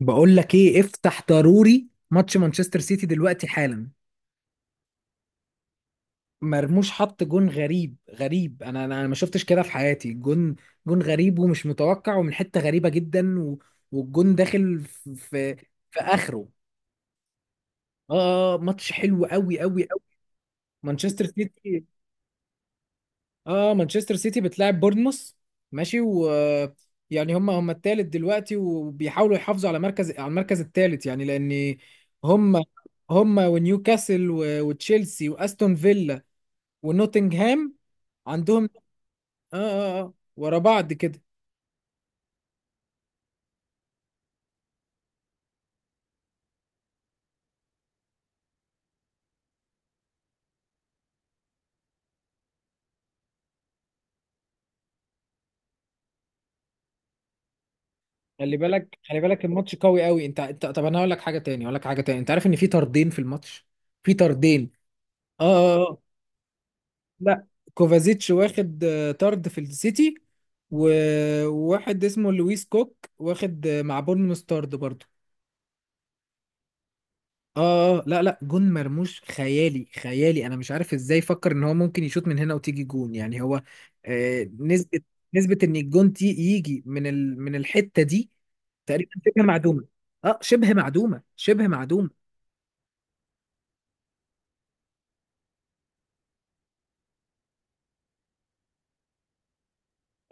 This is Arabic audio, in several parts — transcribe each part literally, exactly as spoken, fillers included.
بقول لك ايه، افتح ضروري ماتش مانشستر سيتي دلوقتي حالا. مرموش حط جون غريب غريب. انا انا أنا ما شفتش كده في حياتي. جون جون غريب ومش متوقع ومن حتة غريبة جدا و... والجون داخل في في, في اخره. اه آه، آه، ماتش حلو قوي قوي قوي. مانشستر سيتي. اه، مانشستر سيتي بتلاعب بورنموث. ماشي. و يعني هم هم التالت دلوقتي وبيحاولوا يحافظوا على مركز على المركز التالت، يعني لان هم. هم ونيوكاسل و- وتشيلسي واستون فيلا ونوتنغهام عندهم. اه اه اه ورا بعض كده. خلي بالك، خلي بالك الماتش قوي قوي. انت انت طب، انا هقول لك حاجه تاني. هقول لك حاجه تاني، انت عارف ان في طردين في الماتش؟ في طردين. اه اه آه. لا، كوفازيتش واخد آه، طرد في السيتي. و- وواحد اسمه لويس كوك واخد آه، مع بورنموث طرد برضه. اه آه، لا لا، جون مرموش خيالي خيالي. انا مش عارف ازاي فكر ان هو ممكن يشوط من هنا وتيجي جون، يعني هو. آه نسبة. نسبة ان الجون تي يجي من ال من الحتة دي تقريبا شبه معدومة. اه، شبه معدومة، شبه معدومة.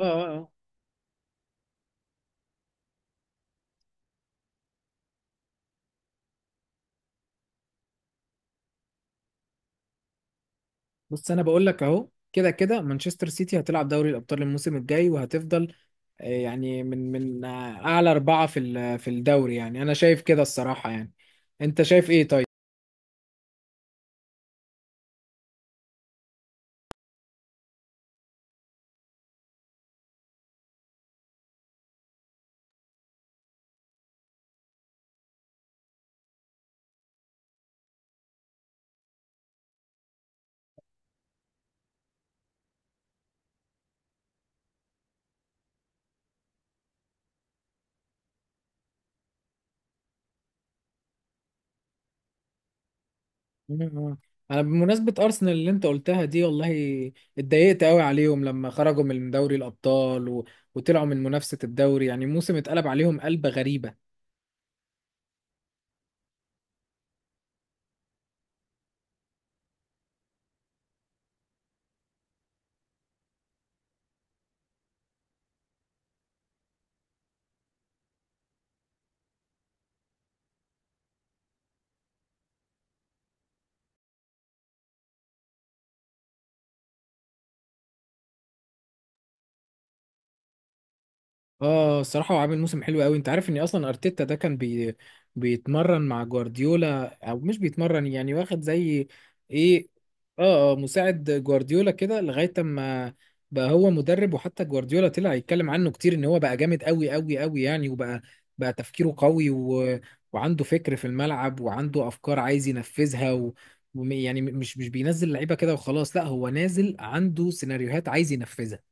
اه اه اه بص، انا بقول لك اهو، كده كده مانشستر سيتي هتلعب دوري الابطال الموسم الجاي، وهتفضل آه، يعني من من اعلى اربعه في ال- في الدوري، يعني انا شايف كده الصراحه يعني. انت شايف ايه طيب؟ مم. انا بمناسبه ارسنال اللي انت قلتها دي، والله اتضايقت قوي عليهم لما خرجوا من دوري الابطال و... وطلعوا من منافسه الدوري، يعني موسم اتقلب عليهم قلبه غريبه. اه، الصراحة هو عامل موسم حلو قوي. انت عارف ان اصلا ارتيتا ده كان بي... بيتمرن مع جوارديولا، او مش بيتمرن يعني، واخد زي ايه؟ اه اه مساعد جوارديولا كده لغاية اما بقى هو مدرب. وحتى جوارديولا طلع يتكلم عنه كتير ان هو بقى جامد قوي قوي قوي، يعني وبقى. بقى تفكيره قوي و... وعنده فكر في الملعب، وعنده افكار عايز ينفذها و... وم- يعني مش مش بينزل لعيبة كده وخلاص، لا هو نازل عنده سيناريوهات عايز ينفذها.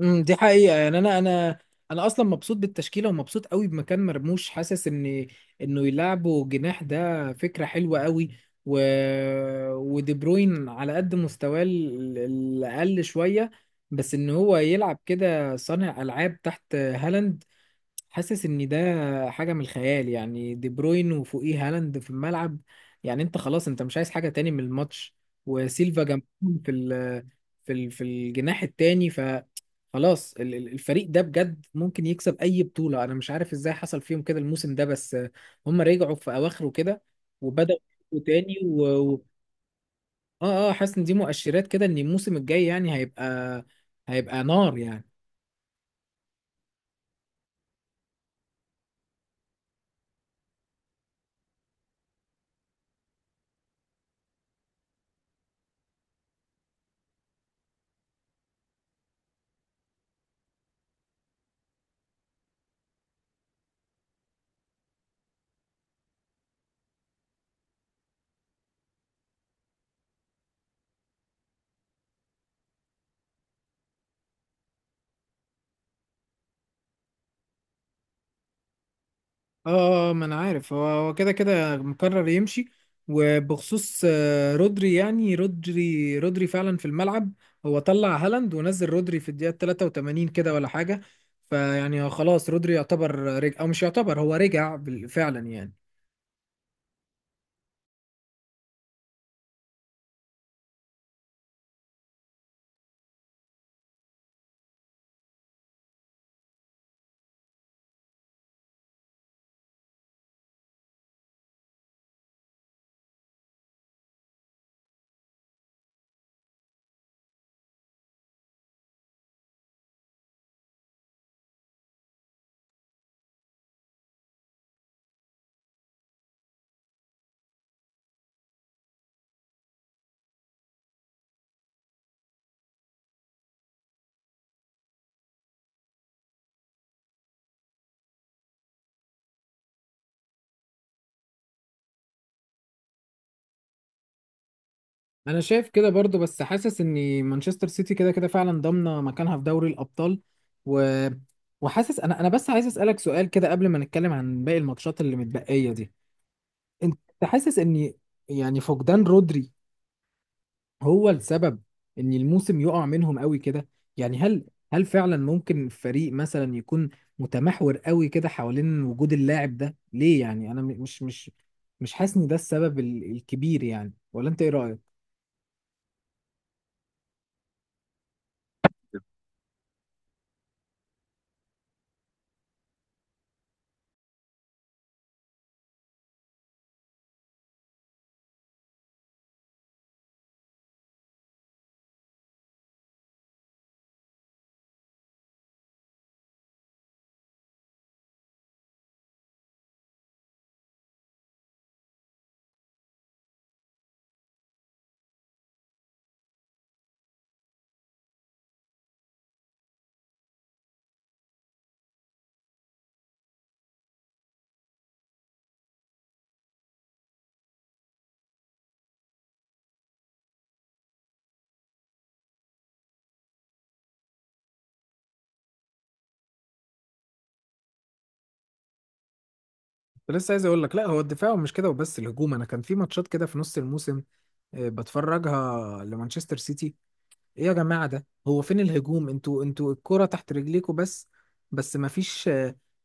امم، دي حقيقة يعني. انا انا انا اصلا مبسوط بالتشكيلة، ومبسوط قوي بمكان مرموش. حاسس ان انه يلعبه جناح ده فكرة حلوة قوي. و... ودي بروين على قد مستواه ال- الاقل شوية، بس ان هو يلعب كده صانع العاب تحت هالاند، حاسس ان ده حاجه من الخيال. يعني دي بروين وفوقيه هالاند في الملعب، يعني انت خلاص انت مش عايز حاجه تاني من الماتش. وسيلفا جنبهم في ال في ال في الجناح التاني. ف خلاص ال- ال- الفريق ده بجد ممكن يكسب اي بطوله. انا مش عارف ازاي حصل فيهم كده الموسم ده، بس هم رجعوا في اواخره كده، وبداوا يفوقوا تاني و... و... اه اه. حاسس ان دي مؤشرات كده ان الموسم الجاي يعني هيبقى. هيبقى نار يعني. اه آه، ما انا عارف، هو هو كده كده مقرر يمشي. وبخصوص آه، رودري، يعني رودري رودري فعلا في الملعب. هو طلع هالاند ونزل رودري في الدقيقة ثلاثة وتمانين كده ولا حاجة. فيعني خلاص رودري يعتبر رجع، او مش يعتبر، هو رجع بال- فعلا يعني. انا شايف كده برضو، بس حاسس ان مانشستر سيتي كده كده فعلا ضامنة مكانها في دوري الابطال. و وحاسس. انا انا بس عايز اسالك سؤال كده قبل ما نتكلم عن باقي الماتشات اللي متبقية دي. انت حاسس ان يعني فقدان رودري هو السبب ان الموسم يقع منهم قوي كده؟ يعني هل، هل فعلا ممكن فريق مثلا يكون متمحور قوي كده حوالين وجود اللاعب ده ليه؟ يعني انا م- مش مش مش حاسس ان ده السبب ال- الكبير يعني، ولا انت ايه رأيك؟ كنت لسه عايز اقول لك، لا هو الدفاع ومش كده وبس، الهجوم. انا كان في ماتشات كده في نص الموسم آه، بتفرجها لمانشستر سيتي، ايه يا جماعة ده، هو فين الهجوم؟ انتوا انتوا الكرة تحت رجليكوا بس، بس مفيش.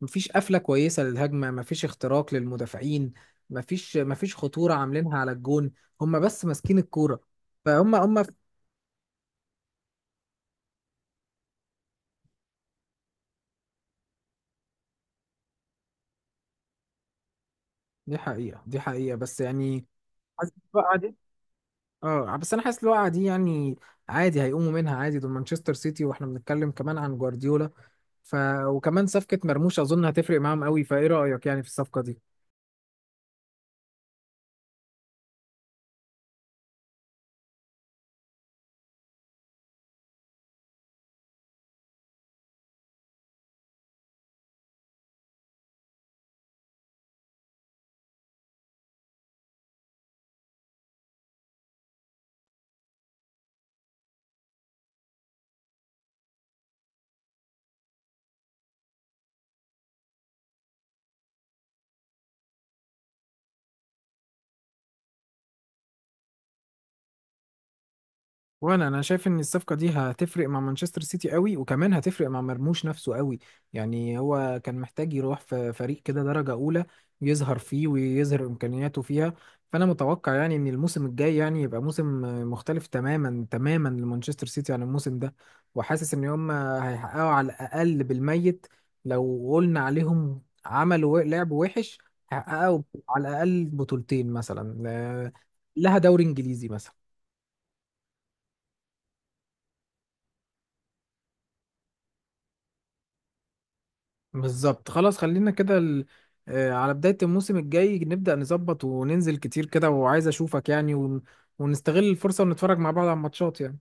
مفيش قفلة كويسة للهجمة، مفيش اختراق للمدافعين، مفيش مفيش خطورة عاملينها على الجون. هم بس ماسكين الكورة. فهم هم دي حقيقة، دي حقيقة، بس يعني حاسس الوقعة دي. اه بس انا حاسس الوقعة دي يعني عادي هيقوموا منها عادي، دول مانشستر سيتي، واحنا بنتكلم كمان عن جوارديولا. ف وكمان صفقة مرموش اظن هتفرق معاهم قوي، فايه رأيك يعني في الصفقة دي؟ وانا انا شايف ان الصفقه دي هتفرق مع مانشستر سيتي قوي، وكمان هتفرق مع مرموش نفسه قوي. يعني هو كان محتاج يروح في فريق كده درجه اولى يظهر فيه ويظهر امكانياته فيها. فانا متوقع يعني ان الموسم الجاي يعني يبقى موسم مختلف تماما تماما لمانشستر سيتي عن الموسم ده. وحاسس ان هم هيحققوا على الاقل بالميت، لو قلنا عليهم عملوا لعب وحش، هيحققوا على الاقل بطولتين مثلا، آه، لها دوري انجليزي مثلا. بالظبط، خلاص خلينا كده ال... آه، على بداية الموسم الجاي نبدأ نظبط وننزل كتير كده، وعايز أشوفك يعني، ون... ونستغل الفرصة ونتفرج مع بعض على الماتشات يعني.